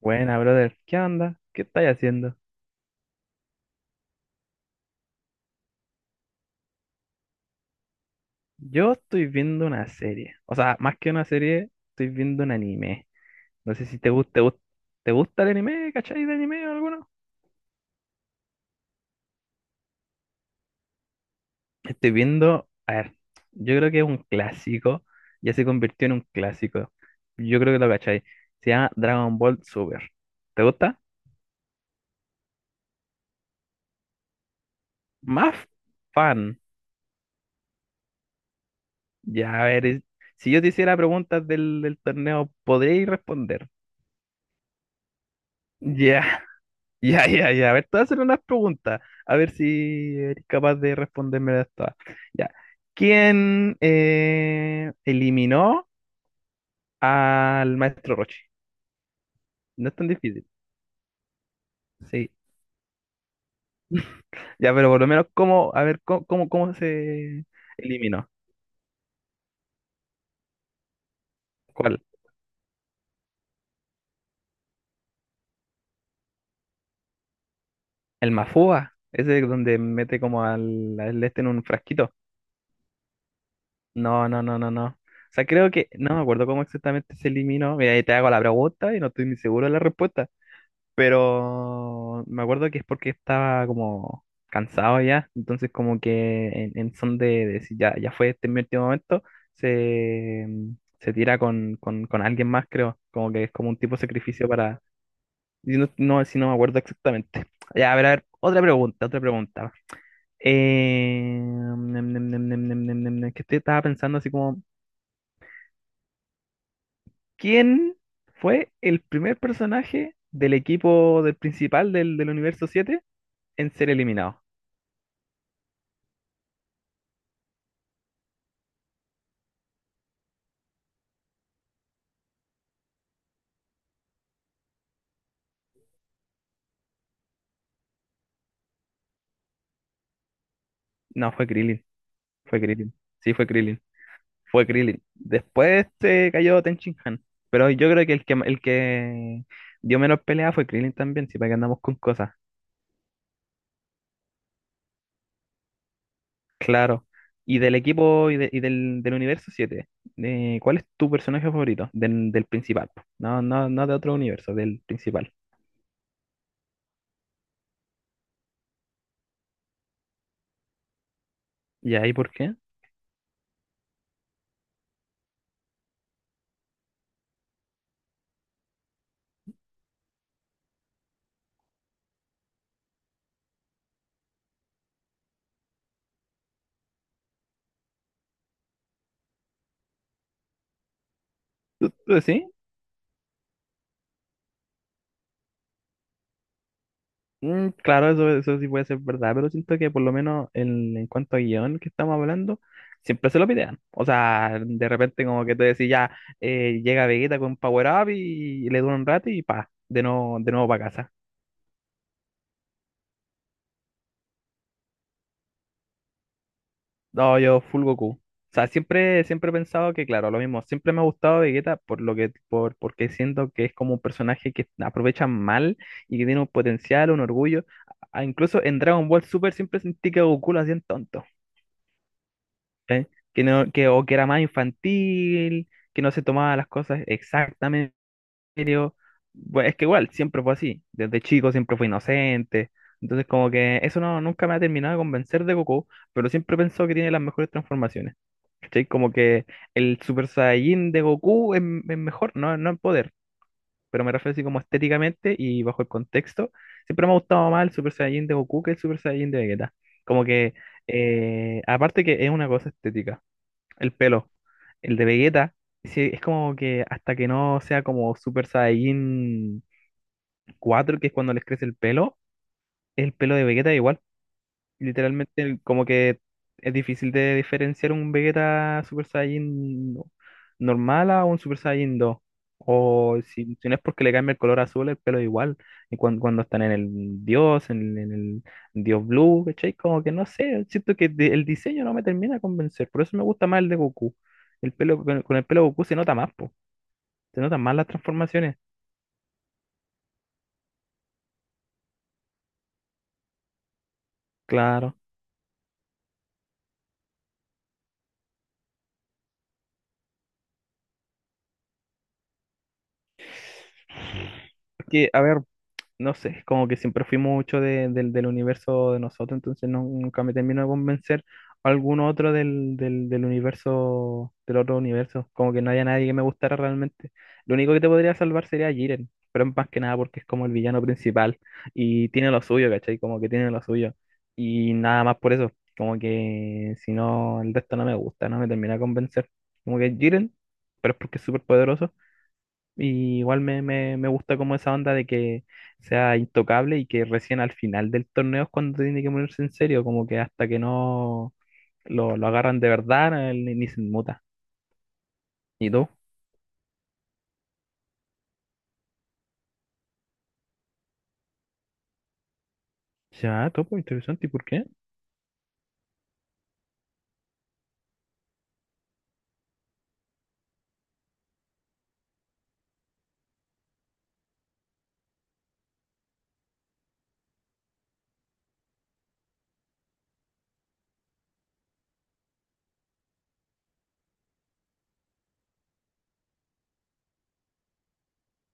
Buena, brother. ¿Qué onda? ¿Qué estáis haciendo? Yo estoy viendo una serie. O sea, más que una serie, estoy viendo un anime. No sé si te gusta, te gusta el anime, ¿cachai? ¿De anime o alguno? Estoy viendo, a ver, yo creo que es un clásico. Ya se convirtió en un clásico. Yo creo que lo cachai. Se llama Dragon Ball Super. ¿Te gusta? Más fan. Ya, a ver, si yo te hiciera preguntas del torneo, ¿podríais responder? Ya, ya. A ver, te voy a hacer unas preguntas. A ver si eres capaz de responderme todas. Ya. ¿Quién eliminó al maestro Rochi? No es tan difícil. Sí. Ya, pero por lo menos, ¿cómo? A ver, ¿cómo se eliminó? ¿Cuál? ¿El Mafúa? Ese es donde mete como al este en un frasquito. No. O sea, creo que no me acuerdo cómo exactamente se eliminó. Mira, ahí te hago la pregunta y no estoy ni seguro de la respuesta. Pero me acuerdo que es porque estaba como cansado ya, entonces como que en son de decir ya, ya fue, este es mi último momento, se, se tira con alguien más, creo, como que es como un tipo de sacrificio para... y no, no, si no me acuerdo exactamente. Ya, a ver, otra pregunta. Nem, nem, nem, nem, nem, nem, nem, nem, que estaba pensando así como, ¿quién fue el primer personaje del equipo del principal del universo 7 en ser eliminado? No, fue Krillin. Fue Krillin. Sí, fue Krillin. Fue Krillin. Después se cayó Ten Shin Han. Pero yo creo que el que dio menos pelea fue Krillin también, si para que andamos con cosas. Claro. Y del equipo y del universo siete, ¿cuál es tu personaje favorito? Del, del principal. No, no, no de otro universo, del principal. ¿Y ahí por qué? ¿Tú decís? Mm, claro, eso sí puede ser verdad, pero siento que por lo menos en cuanto a guión que estamos hablando, siempre se lo pidean. O sea, de repente como que te decís ya, llega Vegeta con Power Up y le dura un rato y pa, de nuevo para casa. No, yo full Goku. O sea, siempre he pensado que, claro, lo mismo, siempre me ha gustado Vegeta por lo que, por, porque siento que es como un personaje que aprovecha mal y que tiene un potencial, un orgullo. Ah, incluso en Dragon Ball Super siempre sentí que Goku lo hacían tonto. ¿Cachai? Que no, que, o que era más infantil, que no se tomaba las cosas exactamente en serio. Bueno, es que igual, siempre fue así. Desde chico siempre fue inocente. Entonces, como que eso no, nunca me ha terminado de convencer de Goku, pero siempre pensó que tiene las mejores transformaciones. ¿Cachai? Como que el Super Saiyajin de Goku es mejor, no, no en poder, pero me refiero así como estéticamente y bajo el contexto. Siempre me ha gustado más el Super Saiyajin de Goku que el Super Saiyajin de Vegeta. Como que, aparte que es una cosa estética el pelo. El de Vegeta, sí, es como que hasta que no sea como Super Saiyajin cuatro, que es cuando les crece el pelo de Vegeta igual literalmente, como que es difícil de diferenciar un Vegeta Super Saiyan normal a un Super Saiyan 2. O si, si no es porque le cambia el color azul, el pelo igual. Y cuando están en el Dios, en el Dios Blue, ¿cachai? Como que no sé, siento que el diseño no me termina de convencer. Por eso me gusta más el de Goku. El pelo, con el pelo Goku se nota más, po. Se notan más las transformaciones. Claro. Que, a ver, no sé, como que siempre fui mucho del del universo de nosotros, entonces nunca me termino de convencer algún otro del universo, del otro universo, como que no haya nadie que me gustara realmente. Lo único que te podría salvar sería Jiren, pero más que nada porque es como el villano principal y tiene lo suyo, ¿cachai? Como que tiene lo suyo. Y nada más por eso, como que si no, el resto no me gusta, no me termina de convencer. Como que Jiren, pero es porque es súper poderoso. Y igual me gusta como esa onda de que sea intocable y que recién al final del torneo es cuando tiene que ponerse en serio, como que hasta que no lo agarran de verdad, él ni se inmuta. ¿Y tú? Ya, topo, interesante, ¿y por qué?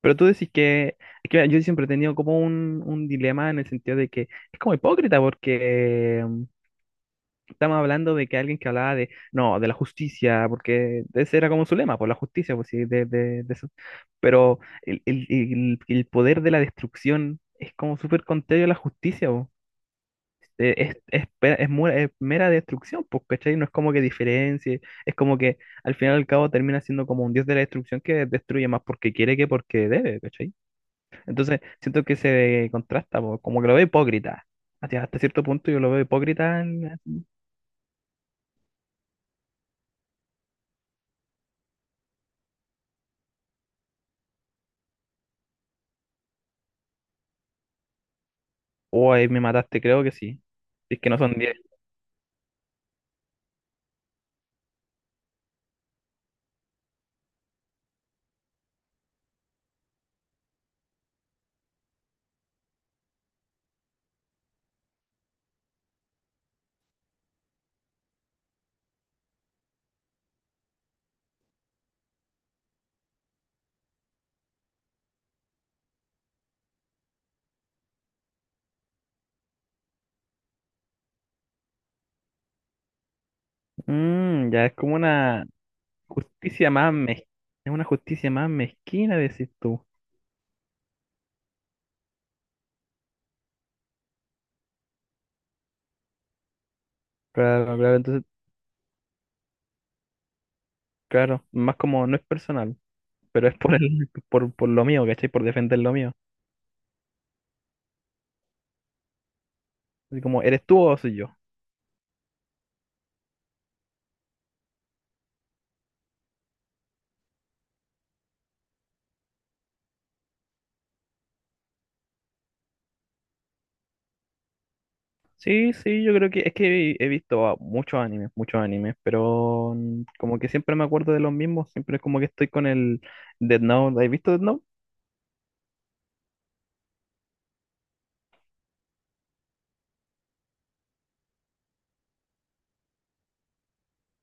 Pero tú decís que, es que mira, yo siempre he tenido como un dilema en el sentido de que es como hipócrita porque estamos hablando de que alguien que hablaba de, no, de la justicia, porque ese era como su lema, por la justicia, pues sí, de, de eso. Pero el poder de la destrucción es como súper contrario a la justicia, po. Es, es es mera destrucción, pues, ¿cachai? No es como que diferencie, es como que al final y al cabo termina siendo como un dios de la destrucción que destruye más porque quiere que porque debe, ¿cachai? Entonces siento que se contrasta, po, como que lo veo hipócrita. Hasta cierto punto yo lo veo hipócrita. Oh, ahí me mataste, creo que sí. Si es que no son diez. Mm, ya es como una justicia más mez... es una justicia más mezquina, decís tú. Claro, claro, entonces, claro, más como no es personal, pero es por el, por lo mío, ¿cachai? Por defender lo mío. Así como, ¿eres tú o soy yo? Sí, sí, yo creo que es que he visto ah, muchos animes, pero mm, como que siempre me acuerdo de los mismos, siempre es como que estoy con el Death Note. ¿Has visto Death Note?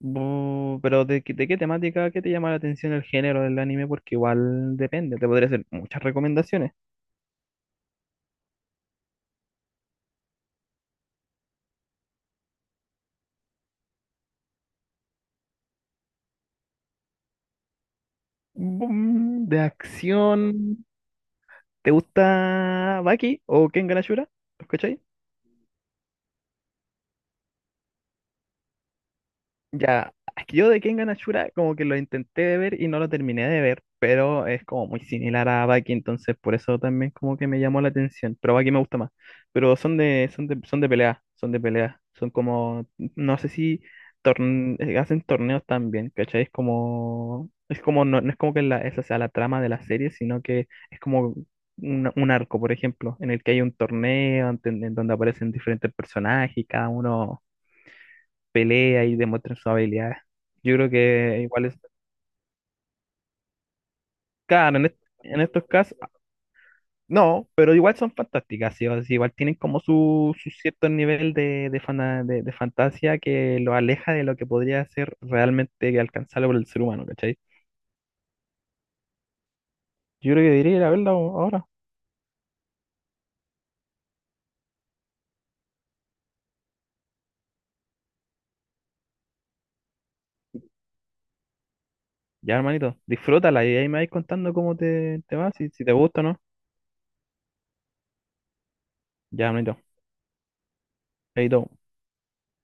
Pero ¿de, de qué temática, qué te llama la atención el género del anime? Porque igual depende, te podría hacer muchas recomendaciones. De acción, ¿te gusta Baki o Kengan Ashura? ¿Los cachai? Ya, es que yo de Kengan Ashura como que lo intenté de ver y no lo terminé de ver, pero es como muy similar a Baki, entonces por eso también como que me llamó la atención, pero Baki me gusta más. Pero son de, son de pelea, son de pelea, son como, no sé si hacen torneos también, ¿cachai? Es como, no, no es como que la, esa sea la trama de la serie, sino que es como un arco, por ejemplo, en el que hay un torneo en donde aparecen diferentes personajes y cada uno pelea y demuestren sus habilidades. Yo creo que igual es, claro, en, en estos casos, no, pero igual son fantásticas, ¿sí? O sea, igual tienen como su cierto nivel de, de fantasía que lo aleja de lo que podría ser realmente alcanzable por el ser humano, ¿cachai? Yo creo que debería ir a verla ahora. Ya, hermanito, disfrútala y ahí me vais contando cómo te, te va, si, si te gusta o no. Ya, hermanito, ahí todo.